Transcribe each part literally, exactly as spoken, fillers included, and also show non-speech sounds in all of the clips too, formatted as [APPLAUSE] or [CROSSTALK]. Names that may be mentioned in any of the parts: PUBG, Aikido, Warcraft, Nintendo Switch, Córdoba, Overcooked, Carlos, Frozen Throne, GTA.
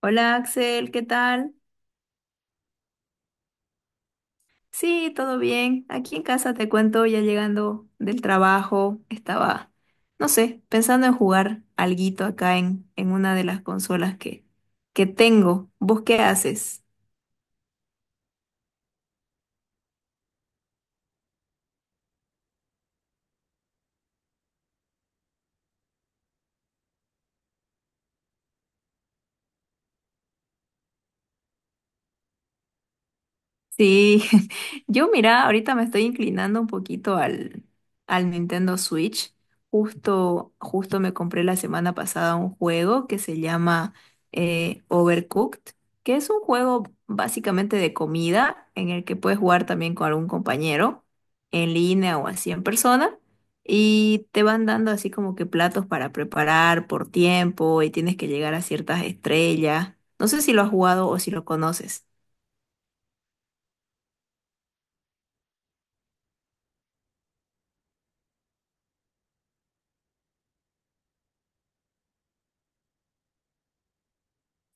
Hola Axel, ¿qué tal? Sí, todo bien. Aquí en casa te cuento, ya llegando del trabajo, estaba, no sé, pensando en jugar alguito acá en, en una de las consolas que, que tengo. ¿Vos qué haces? Sí, [LAUGHS] yo mira, ahorita me estoy inclinando un poquito al, al Nintendo Switch. Justo, justo me compré la semana pasada un juego que se llama eh, Overcooked, que es un juego básicamente de comida en el que puedes jugar también con algún compañero en línea o así en persona. Y te van dando así como que platos para preparar por tiempo y tienes que llegar a ciertas estrellas. No sé si lo has jugado o si lo conoces.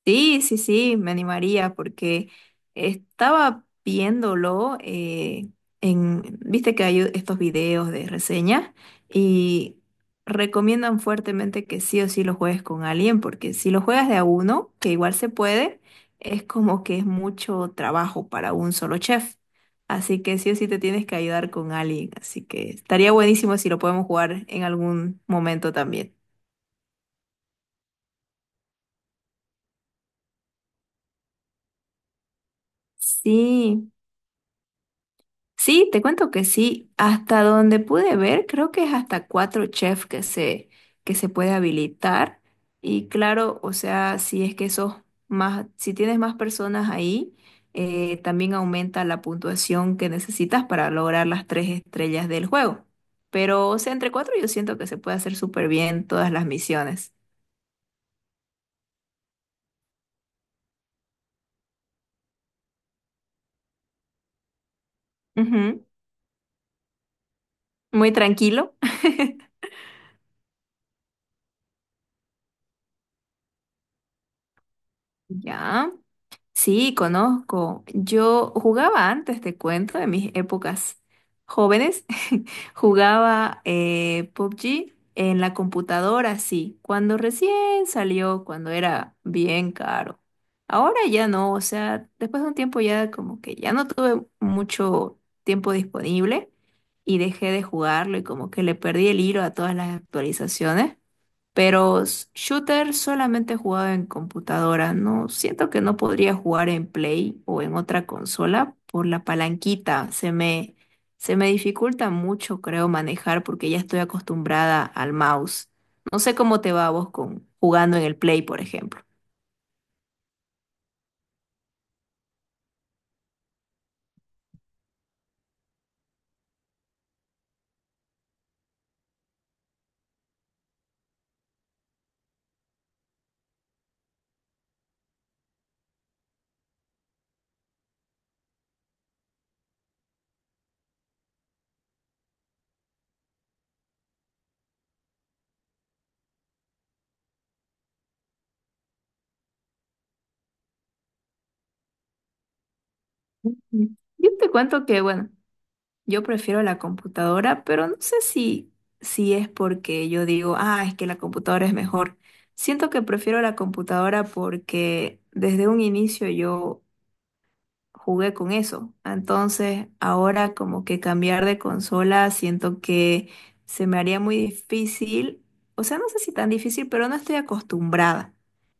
Sí, sí, sí, me animaría porque estaba viéndolo eh, en, viste que hay estos videos de reseñas y recomiendan fuertemente que sí o sí lo juegues con alguien porque si lo juegas de a uno, que igual se puede, es como que es mucho trabajo para un solo chef. Así que sí o sí te tienes que ayudar con alguien. Así que estaría buenísimo si lo podemos jugar en algún momento también. Sí. Sí, te cuento que sí. Hasta donde pude ver, creo que es hasta cuatro chefs que se, que se puede habilitar. Y claro, o sea, si es que sos más, si tienes más personas ahí, eh, también aumenta la puntuación que necesitas para lograr las tres estrellas del juego. Pero, o sea, entre cuatro yo siento que se puede hacer súper bien todas las misiones. Ujú. Muy tranquilo. [LAUGHS] Ya. Sí, conozco. Yo jugaba antes, te cuento, en mis épocas jóvenes. [LAUGHS] Jugaba eh, P U B G en la computadora, sí, cuando recién salió, cuando era bien caro. Ahora ya no, o sea, después de un tiempo ya como que ya no tuve mucho tiempo disponible y dejé de jugarlo y como que le perdí el hilo a todas las actualizaciones. Pero s- shooter solamente he jugado en computadora, no siento que no podría jugar en Play o en otra consola por la palanquita. Se me, se me dificulta mucho, creo, manejar porque ya estoy acostumbrada al mouse. No sé cómo te va a vos con jugando en el Play, por ejemplo. Ujú. Yo te cuento que, bueno, yo prefiero la computadora, pero no sé si, si es porque yo digo, ah, es que la computadora es mejor. Siento que prefiero la computadora porque desde un inicio yo jugué con eso. Entonces, ahora como que cambiar de consola, siento que se me haría muy difícil, o sea, no sé si tan difícil, pero no estoy acostumbrada.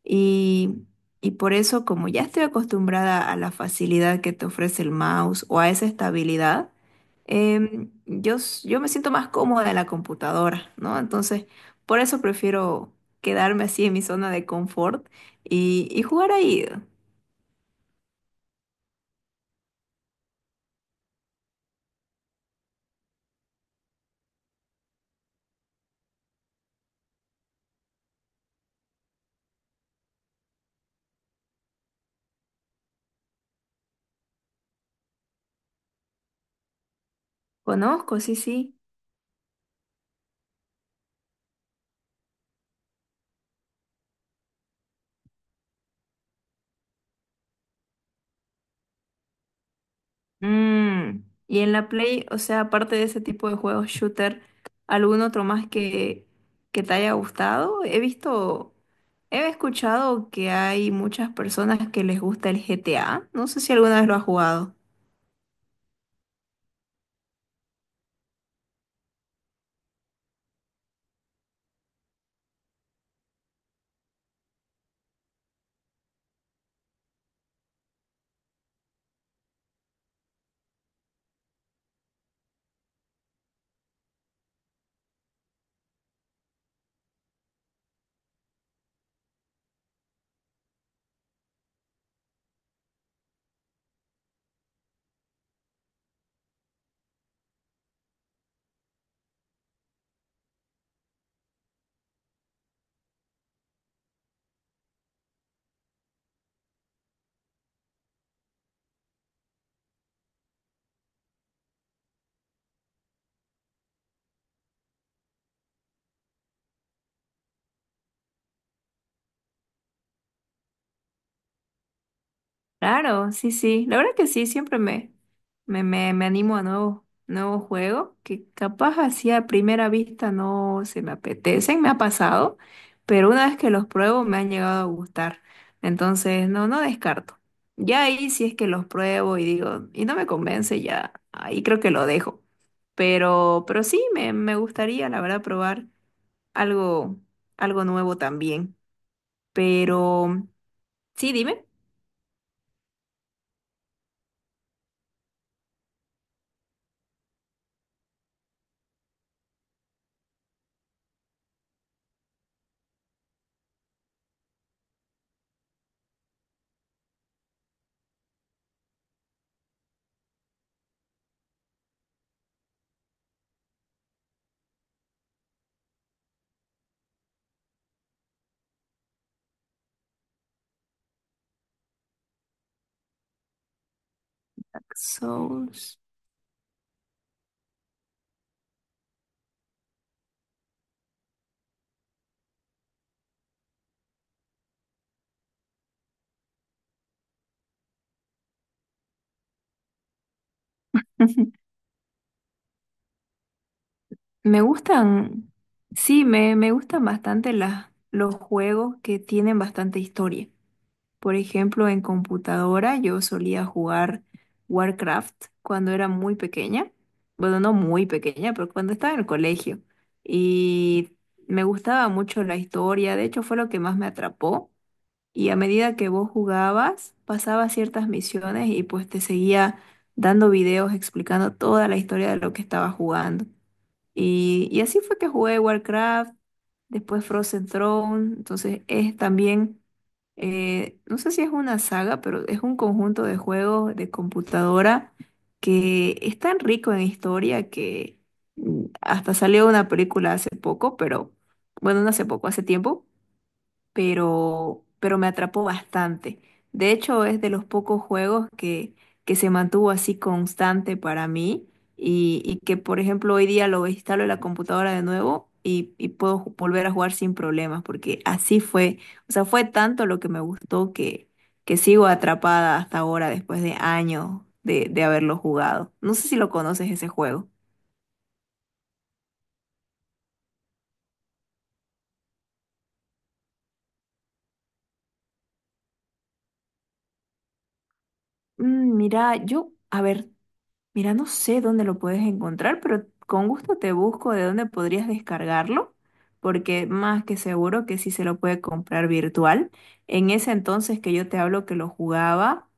Y, y por eso, como ya estoy acostumbrada a la facilidad que te ofrece el mouse o a esa estabilidad, em, yo, s- yo me siento más cómoda en la computadora, ¿no? Entonces, por eso prefiero quedarme así en mi zona de confort y, y jugar ahí. Conozco, sí, sí. Mm. Y en la Play, o sea, aparte de ese tipo de juegos shooter, ¿algún otro más que, que te haya gustado? He visto, he escuchado que hay muchas personas que les gusta el G T A. No sé si alguna vez lo has jugado. Claro, sí, sí. La verdad que sí, siempre me, me, me, me animo a nuevos, nuevos juegos que capaz así a primera vista no se me apetecen, me ha pasado, pero una vez que los pruebo me han llegado a gustar. Entonces, no, no descarto. Ya ahí si es que los pruebo y digo, y no me convence, ya ahí creo que lo dejo. Pero, pero sí, me, me gustaría, la verdad, probar algo, algo nuevo también. Pero, sí, dime. Souls. [LAUGHS] Me gustan, sí, me, me gustan bastante las, los juegos que tienen bastante historia. Por ejemplo, en computadora yo solía jugar Warcraft cuando era muy pequeña. Bueno, no muy pequeña, pero cuando estaba en el colegio. Y me gustaba mucho la historia, de hecho fue lo que más me atrapó. Y a medida que vos jugabas, pasabas ciertas misiones y pues te seguía dando videos explicando toda la historia de lo que estabas jugando. Y, y así fue que jugué Warcraft, después Frozen Throne, entonces es también, eh, no sé si es una saga, pero es un conjunto de juegos de computadora que es tan rico en historia que mm, hasta salió una película hace poco, pero bueno, no hace poco, hace tiempo pero, pero me atrapó bastante. De hecho, es de los pocos juegos que, que se mantuvo así constante para mí y, y que, por ejemplo, hoy día lo instalo en la computadora de nuevo y, y puedo ju- volver a jugar sin problemas, porque así fue, o sea, fue tanto lo que me gustó que, que sigo atrapada hasta ahora, después de años de, de haberlo jugado. No sé si lo conoces ese juego. Mm, mira, yo, a ver. Mira, no sé dónde lo puedes encontrar, pero con gusto te busco de dónde podrías descargarlo, porque más que seguro que sí se lo puede comprar virtual. En ese entonces que yo te hablo que lo jugaba,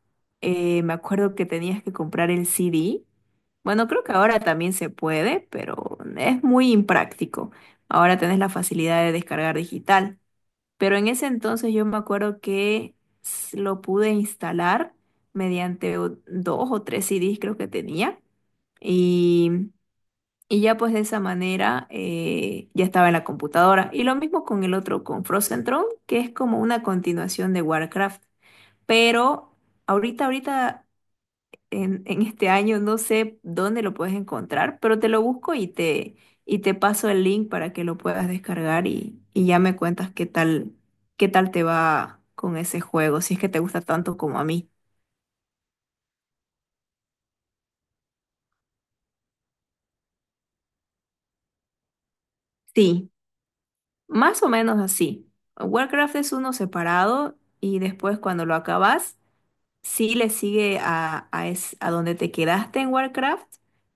eh, me acuerdo que tenías que comprar el C D. Bueno, creo que ahora también se puede, pero es muy impráctico. Ahora tenés la facilidad de descargar digital. Pero en ese entonces yo me acuerdo que s- lo pude instalar mediante o- dos o tres C Des creo que tenía. Y, y ya pues de esa manera eh, ya estaba en la computadora. Y lo mismo con el otro, con Frozen Throne, que es como una continuación de Warcraft. Pero ahorita, ahorita, en, en este año, no sé dónde lo puedes encontrar, pero te lo busco y te, y te paso el link para que lo puedas descargar y, y ya me cuentas qué tal, qué tal te va con ese juego, si es que te gusta tanto como a mí. Sí. Más o menos así. Warcraft es uno separado y después cuando lo acabas, sí le sigue a, a, es- a donde te quedaste en Warcraft,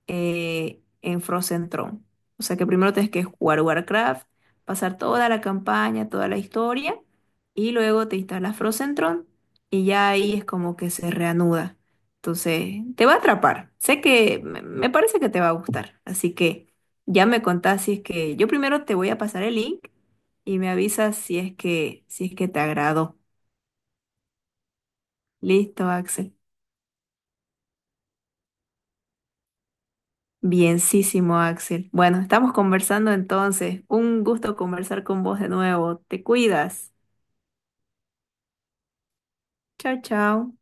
eh, en Frozen Throne. O sea que primero tienes que jugar Warcraft, pasar toda la campaña, toda la historia, y luego te instalas Frozen Throne, y ya ahí es como que se reanuda. Entonces, te va a atrapar. Sé que me me parece que te va a gustar. Así que ya me contás si es que yo primero te voy a pasar el link y me avisas si es que, si es que te agradó. Listo, Axel. Bienísimo, Axel. Bueno, estamos conversando entonces. Un gusto conversar con vos de nuevo. Te cuidas. Chao, chao.